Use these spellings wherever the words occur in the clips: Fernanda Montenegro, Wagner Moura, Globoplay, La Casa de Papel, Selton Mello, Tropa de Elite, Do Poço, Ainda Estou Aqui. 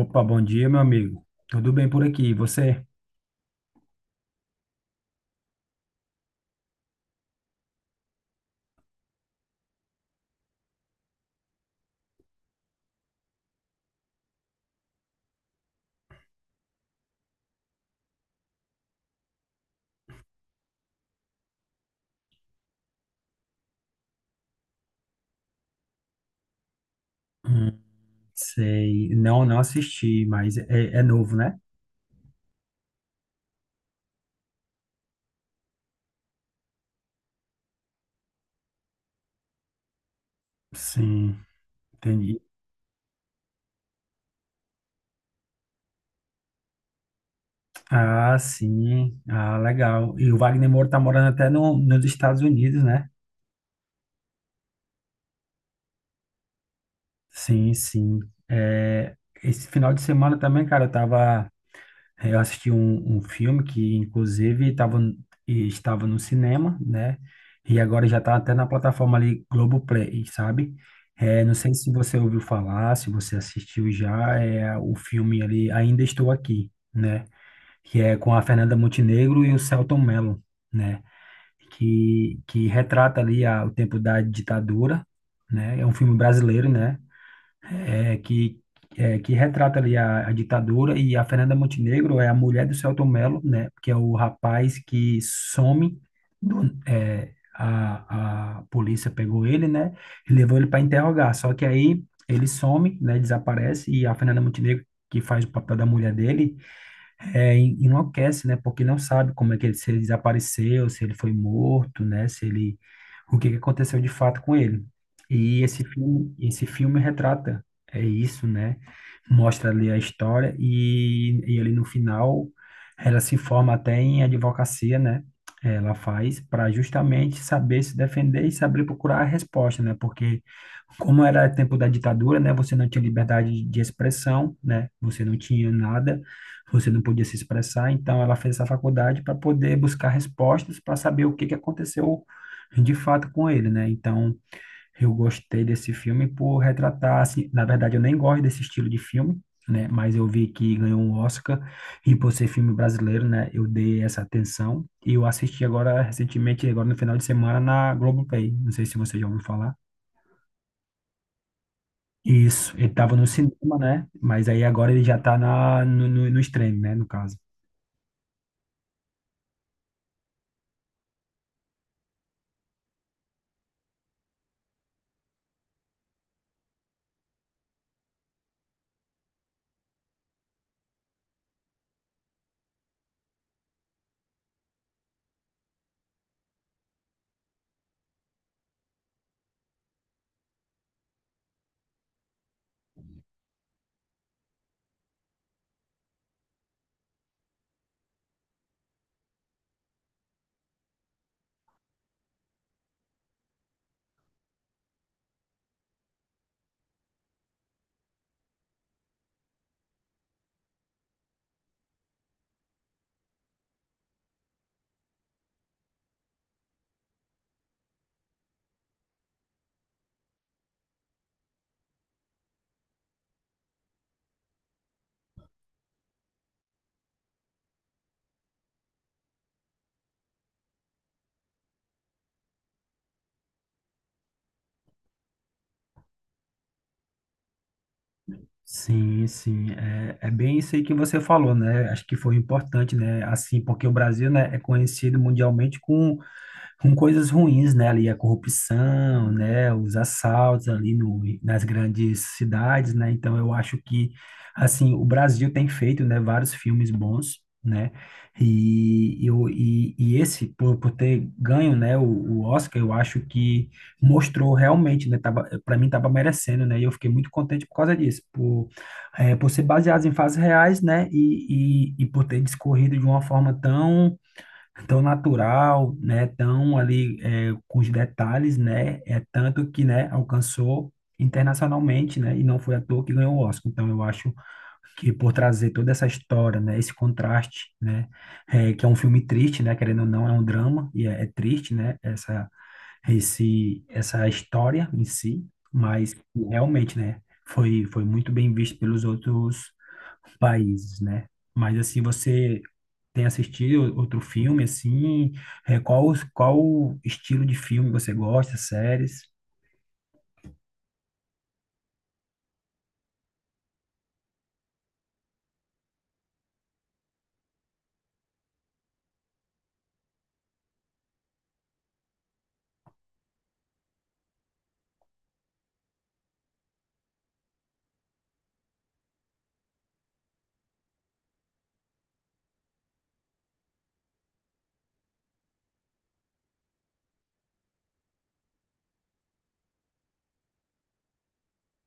Opa, bom dia, meu amigo. Tudo bem por aqui? E você? Hum, sei. Não, assisti, mas é novo, né? Sim, entendi. Ah, sim. Ah, legal. E o Wagner Moura tá morando até no, nos Estados Unidos, né? Sim, sim. É, esse final de semana também, cara, eu tava. É, eu assisti um filme que, inclusive, e estava no cinema, né? E agora já está até na plataforma ali Globoplay, sabe? É, não sei se você ouviu falar, se você assistiu já, é o filme ali Ainda Estou Aqui, né? Que é com a Fernanda Montenegro e o Selton Mello, né? Que retrata ali o tempo da ditadura, né? É um filme brasileiro, né? é, que, é que retrata ali a ditadura, e a Fernanda Montenegro é a mulher do Selton Mello, né, que é o rapaz que some, a polícia pegou ele, né, e levou ele para interrogar, só que aí ele some, né, desaparece, e a Fernanda Montenegro, que faz o papel da mulher dele, é, enlouquece, né? Porque não sabe como é que ele, se ele desapareceu, se ele foi morto, né? Se ele, o que que aconteceu de fato com ele. E esse filme retrata é isso, né? Mostra ali a história e ali no final ela se forma até em advocacia, né? Ela faz para justamente saber se defender e saber procurar a resposta, né? Porque como era tempo da ditadura, né? Você não tinha liberdade de expressão, né? Você não tinha nada, você não podia se expressar, então ela fez essa faculdade para poder buscar respostas para saber o que que aconteceu de fato com ele, né? Então, eu gostei desse filme por retratar, assim, na verdade eu nem gosto desse estilo de filme, né? Mas eu vi que ganhou um Oscar e por ser filme brasileiro, né, eu dei essa atenção e eu assisti agora recentemente, agora no final de semana na Globoplay. Não sei se você já ouviu falar. Isso, ele estava no cinema, né? Mas aí agora ele já está na no, no, no stream, né, no caso. Sim, sim, é, é bem isso aí que você falou, né? Acho que foi importante, né? Assim, porque o Brasil, né, é conhecido mundialmente com coisas ruins, né? Ali a corrupção, né? Os assaltos ali no, nas grandes cidades, né? Então eu acho que, assim, o Brasil tem feito, né? Vários filmes bons, né? E esse, por ter ganho, né? O Oscar, eu acho que mostrou realmente, né? Tava, para mim tava merecendo, né? E eu fiquei muito contente por causa disso, por, é, por ser baseado em fatos reais, né? E por ter discorrido de uma forma tão natural, né? Tão ali é, com os detalhes, né? É tanto que, né, alcançou internacionalmente, né? E não foi à toa que ganhou o Oscar. Então, eu acho que por trazer toda essa história, né? Esse contraste, né? é, que é um filme triste, né? Querendo ou não, é um drama e é triste, né? Essa história em si, mas realmente, né? Foi muito bem visto pelos outros países, né? Mas assim, você tem assistido outro filme assim? É, qual estilo de filme você gosta? Séries?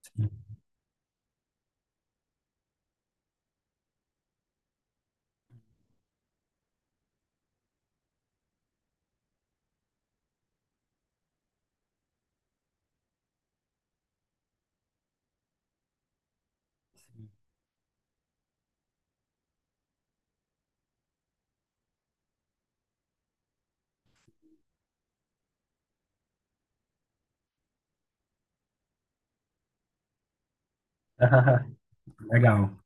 Sim. Ah, legal.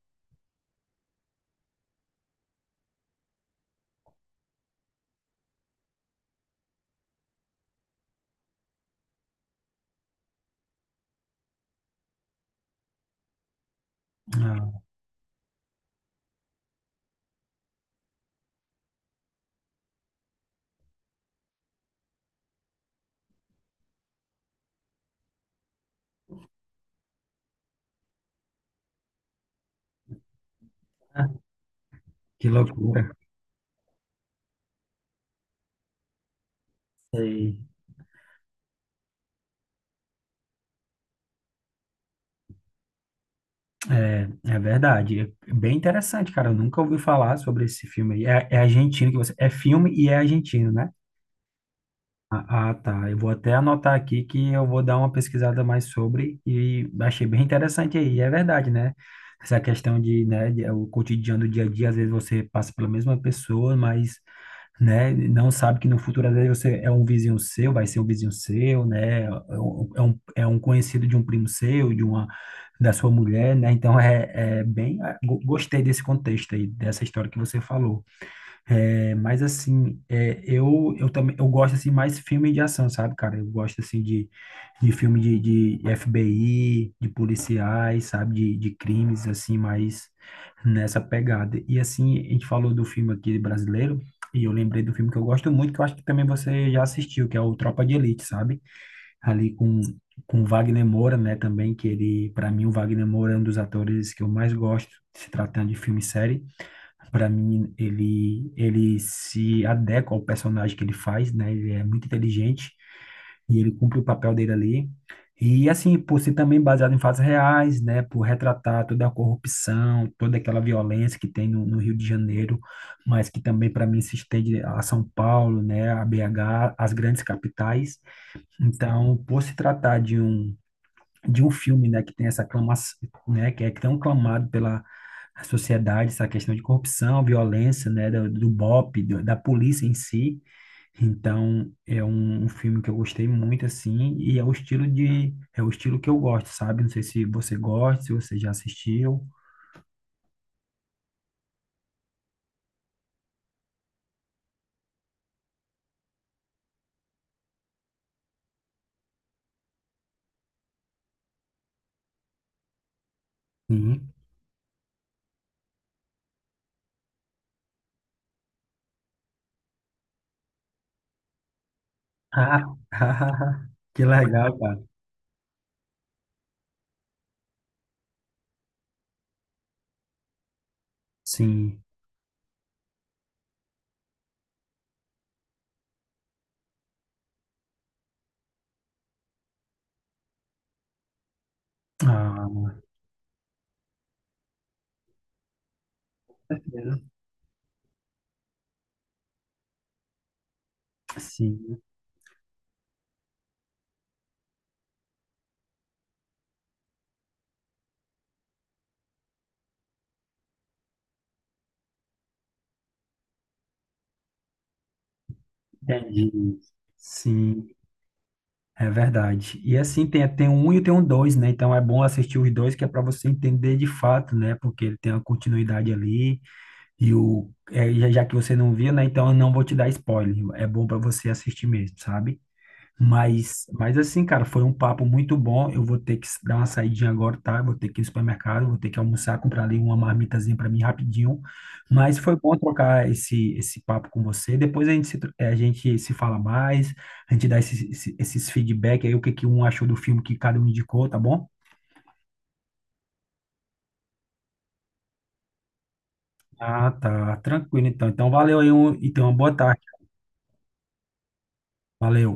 Ah, que loucura. Sei. É, é verdade. É bem interessante, cara. Eu nunca ouvi falar sobre esse filme aí. É, é argentino que você. É filme e é argentino, né? Ah, ah, tá. Eu vou até anotar aqui que eu vou dar uma pesquisada mais sobre e achei bem interessante aí. E É verdade, né? Essa questão de, né, o cotidiano do dia a dia, às vezes você passa pela mesma pessoa, mas, né, não sabe que no futuro, às vezes você é um vizinho seu, vai ser um vizinho seu, né? É um é um conhecido de um primo seu, da sua mulher, né? Então, é, é bem... ah, gostei desse contexto aí, dessa história que você falou. É, mas assim, é, eu também eu gosto assim mais filme de ação, sabe, cara? Eu gosto assim de filme de FBI, de policiais, sabe, de crimes assim, mais nessa pegada. E assim, a gente falou do filme aqui brasileiro, e eu lembrei do filme que eu gosto muito, que eu acho que também você já assistiu, que é o Tropa de Elite, sabe? Ali com Wagner Moura, né, também que ele, para mim o Wagner Moura é um dos atores que eu mais gosto, se tratando de filme e série. Para mim, ele se adequa ao personagem que ele faz, né? Ele é muito inteligente e ele cumpre o papel dele ali. E assim, por ser também baseado em fatos reais, né? Por retratar toda a corrupção, toda aquela violência que tem no Rio de Janeiro, mas que também para mim se estende a São Paulo, né? A BH, as grandes capitais. Então, por se tratar de um filme, né, que tem essa aclamação, né, que é tão clamado pela a sociedade, essa questão de corrupção, violência, né, do BOP, da polícia em si. Então, é um filme que eu gostei muito, assim, e é o estilo de, é o estilo que eu gosto, sabe? Não sei se você gosta, se você já assistiu. Sim. Ah, que legal, cara. Sim. Ah, sim, entendi. Sim, é verdade. E assim, tem, tem um e tem um dois, né? Então é bom assistir os dois, que é para você entender de fato, né? Porque ele tem uma continuidade ali. É, já já que você não viu, né? Então eu não vou te dar spoiler. É bom para você assistir mesmo, sabe? Mas assim, cara, foi um papo muito bom. Eu vou ter que dar uma saidinha agora, tá? Eu vou ter que ir no supermercado, vou ter que almoçar, comprar ali uma marmitazinha para mim rapidinho. Mas foi bom trocar esse papo com você. Depois a gente se, a gente se fala mais, a gente dá esses feedback aí, o que que um achou do filme que cada um indicou, tá bom? Ah, tá. Tranquilo, então. Então valeu aí um, e tenha uma boa tarde. Valeu.